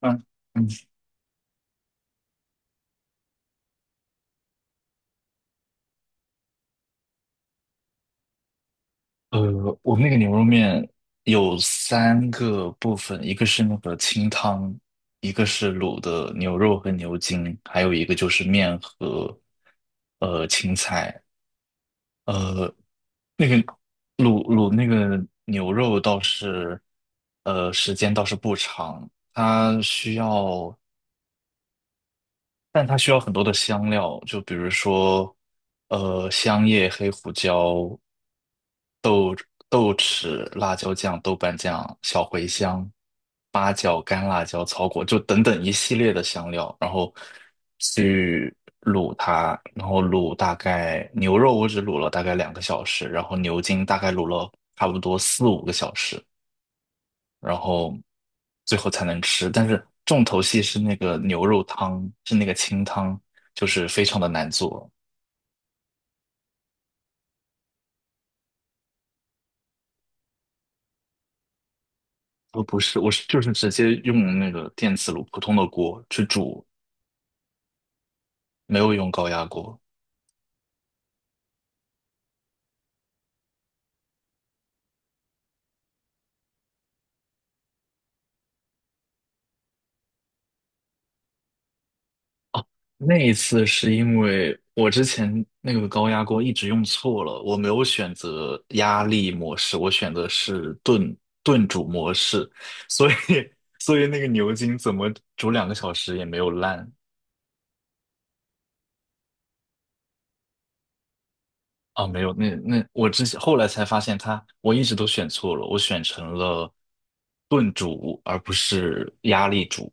嗯嗯。我们那个牛肉面有三个部分，一个是那个清汤，一个是卤的牛肉和牛筋，还有一个就是面和青菜。呃，那个卤那个牛肉倒是，时间倒是不长，它需要，但它需要很多的香料，就比如说，香叶、黑胡椒。豆豉、辣椒酱、豆瓣酱、小茴香、八角、干辣椒、草果，就等等一系列的香料，然后去卤它，然后卤大概牛肉我只卤了大概两个小时，然后牛筋大概卤了差不多4、5个小时，然后最后才能吃。但是重头戏是那个牛肉汤，是那个清汤，就是非常的难做。我不是，我是就是直接用那个电磁炉普通的锅去煮没有用高压锅。那一次是因为我之前那个高压锅一直用错了，我没有选择压力模式，我选的是炖煮模式，所以 所以那个牛筋怎么煮两个小时也没有烂。啊，没有，那我之前后来才发现它，我一直都选错了，我选成了炖煮而不是压力煮。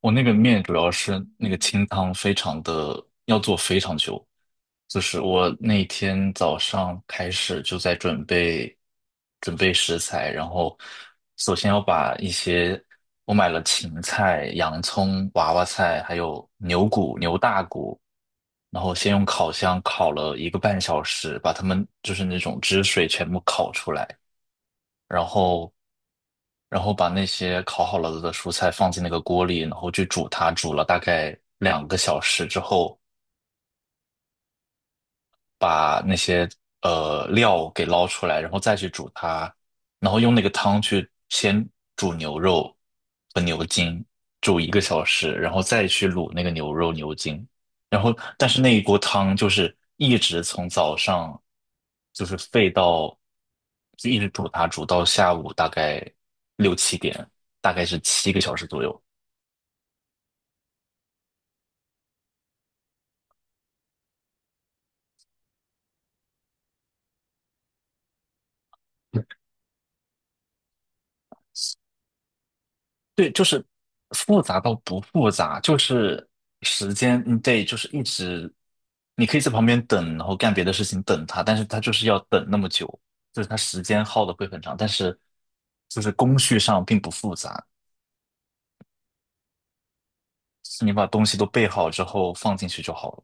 我那个面主要是那个清汤非常的，要做非常久，就是我那天早上开始就在准备准备食材，然后首先要把一些我买了芹菜、洋葱、娃娃菜，还有牛骨、牛大骨，然后先用烤箱烤了1个半小时，把它们就是那种汁水全部烤出来。然后把那些烤好了的蔬菜放进那个锅里，然后去煮它，煮了大概两个小时之后，把那些料给捞出来，然后再去煮它，然后用那个汤去先煮牛肉和牛筋，煮1个小时，然后再去卤那个牛肉牛筋，然后但是那一锅汤就是一直从早上就是沸到就一直煮它，煮到下午大概6、7点，大概是7个小时左右。复杂到不复杂，就是时间，嗯，对，就是一直，你可以在旁边等，然后干别的事情等它，但是它就是要等那么久，就是它时间耗的会很长，但是就是工序上并不复杂，就是你把东西都备好之后放进去就好了。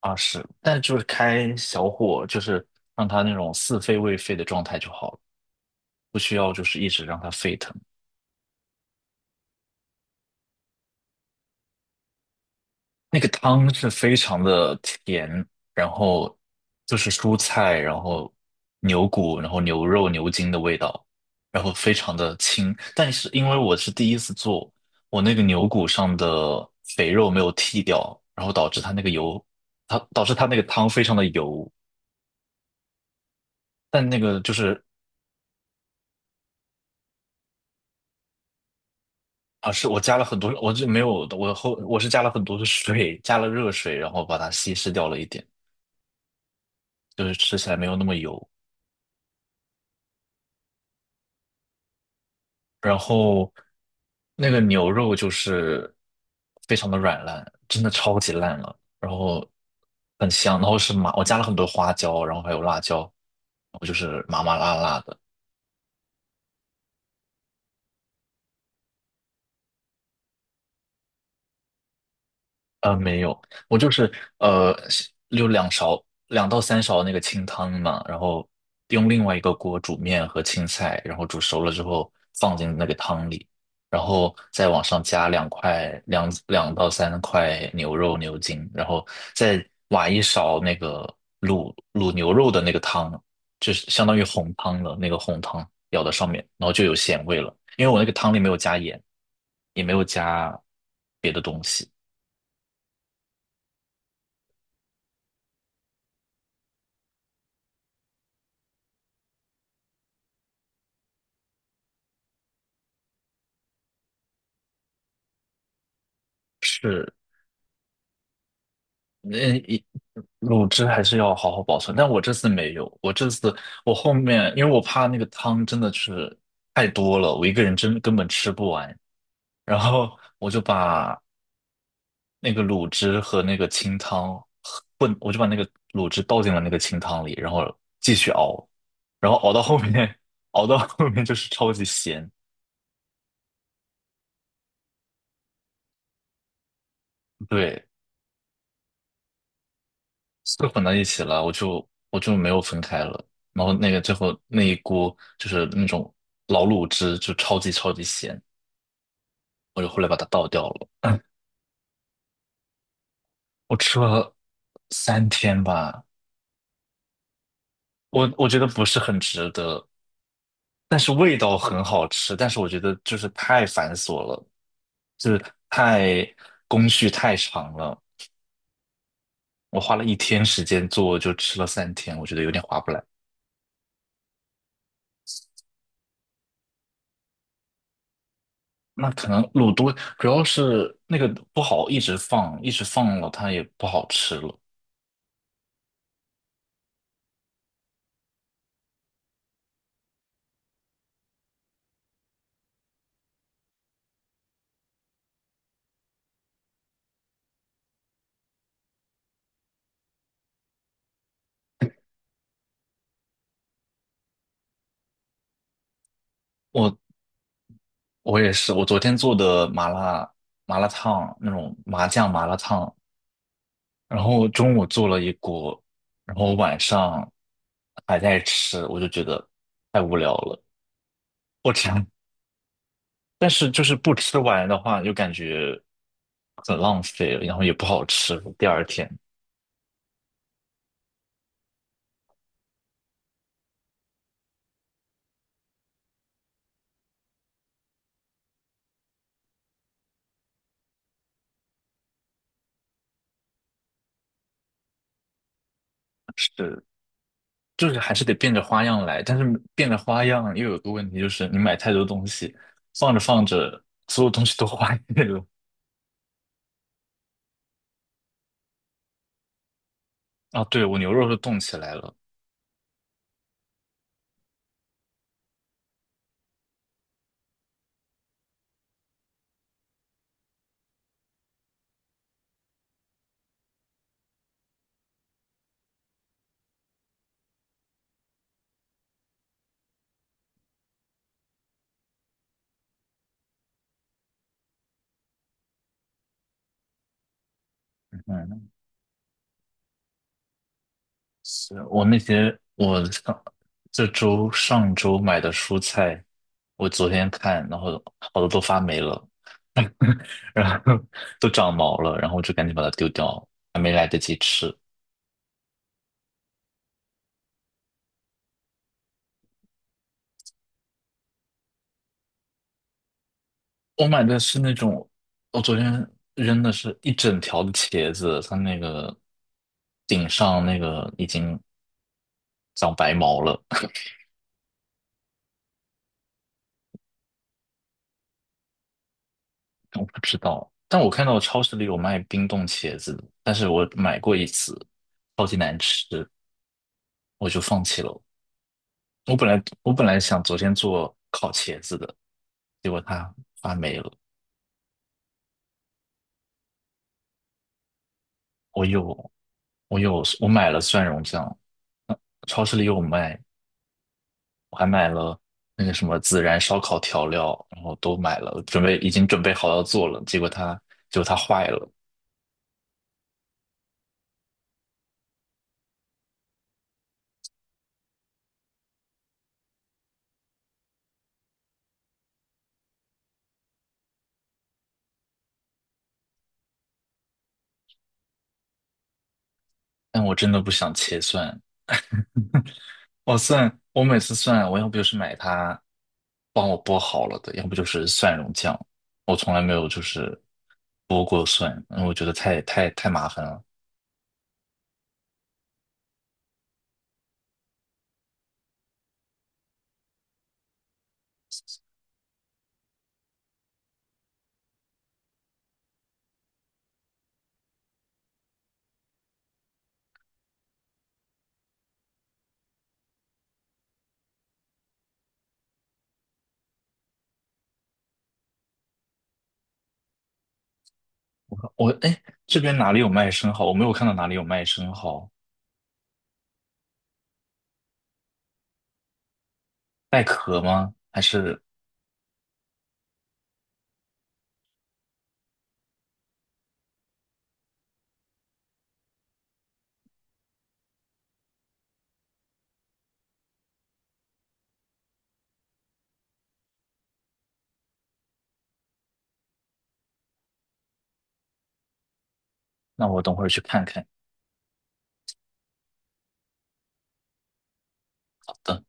啊，是，但就是开小火，就是让它那种似沸未沸的状态就好了，不需要就是一直让它沸腾。那个汤是非常的甜，然后就是蔬菜，然后牛骨，然后牛肉、牛筋的味道，然后非常的清。但是因为我是第一次做，我那个牛骨上的肥肉没有剔掉，然后导致它那个油，它导致它那个汤非常的油。但那个就是啊，是我加了很多，我就没有，我是加了很多的水，加了热水，然后把它稀释掉了一点，就是吃起来没有那么油。然后那个牛肉就是非常的软烂，真的超级烂了，然后很香，然后是麻，我加了很多花椒，然后还有辣椒，然后就是麻麻辣辣的。没有，我就是呃，就两勺两到三勺那个清汤嘛，然后用另外一个锅煮面和青菜，然后煮熟了之后放进那个汤里，然后再往上加两块两到三块牛肉牛筋，然后再挖一勺那个卤牛肉的那个汤，就是相当于红汤了，那个红汤舀到上面，然后就有咸味了，因为我那个汤里没有加盐，也没有加别的东西。是那一卤汁还是要好好保存，但我这次没有，我这次我后面因为我怕那个汤真的是太多了，我一个人真根本吃不完，然后我就把那个卤汁和那个清汤混，我就把那个卤汁倒进了那个清汤里，然后继续熬，然后熬到后面，熬到后面就是超级咸，对，是混到一起了，我就没有分开了。然后那个最后那一锅就是那种老卤汁，就超级超级咸，我就后来把它倒掉了。我吃了三天吧，我觉得不是很值得，但是味道很好吃，但是我觉得就是太繁琐了，就是太工序太长了。我花了一天时间做，就吃了三天，我觉得有点划不来。那可能卤多，主要是那个不好一直放，一直放了它也不好吃了。我我也是，我昨天做的麻辣烫那种麻酱麻辣烫，然后中午做了一锅，然后晚上还在吃，我就觉得太无聊了。我天！但是就是不吃完的话，就感觉很浪费了然后也不好吃。第二天是。就是还是得变着花样来，但是变着花样又有个问题，就是你买太多东西，放着放着，所有东西都坏了。啊，对，我牛肉都冻起来了。嗯，是我那些我上这周上周买的蔬菜，我昨天看，然后好多都发霉了，然后 都长毛了，然后我就赶紧把它丢掉，还没来得及吃。我买的是那种，我昨天扔的是一整条的茄子，它那个顶上那个已经长白毛了，我不知道。但我看到超市里有卖冰冻茄子的但是我买过一次，超级难吃，我就放弃了。我本来想昨天做烤茄子的，结果它发霉了。我有我有我买了蒜蓉酱，超市里有卖，我还买了那个什么孜然烧烤调料，然后都买了，准备已经准备好要做了，结果它坏了。但我真的不想切蒜，我每次蒜，我要不就是买它帮我剥好了的，要不就是蒜蓉酱，我从来没有就是剥过蒜，因为我觉得太麻烦了。我哎，诶这边哪里有卖生蚝？我没有看到哪里有卖生蚝，带壳吗？还是那我等会儿去看看。好的。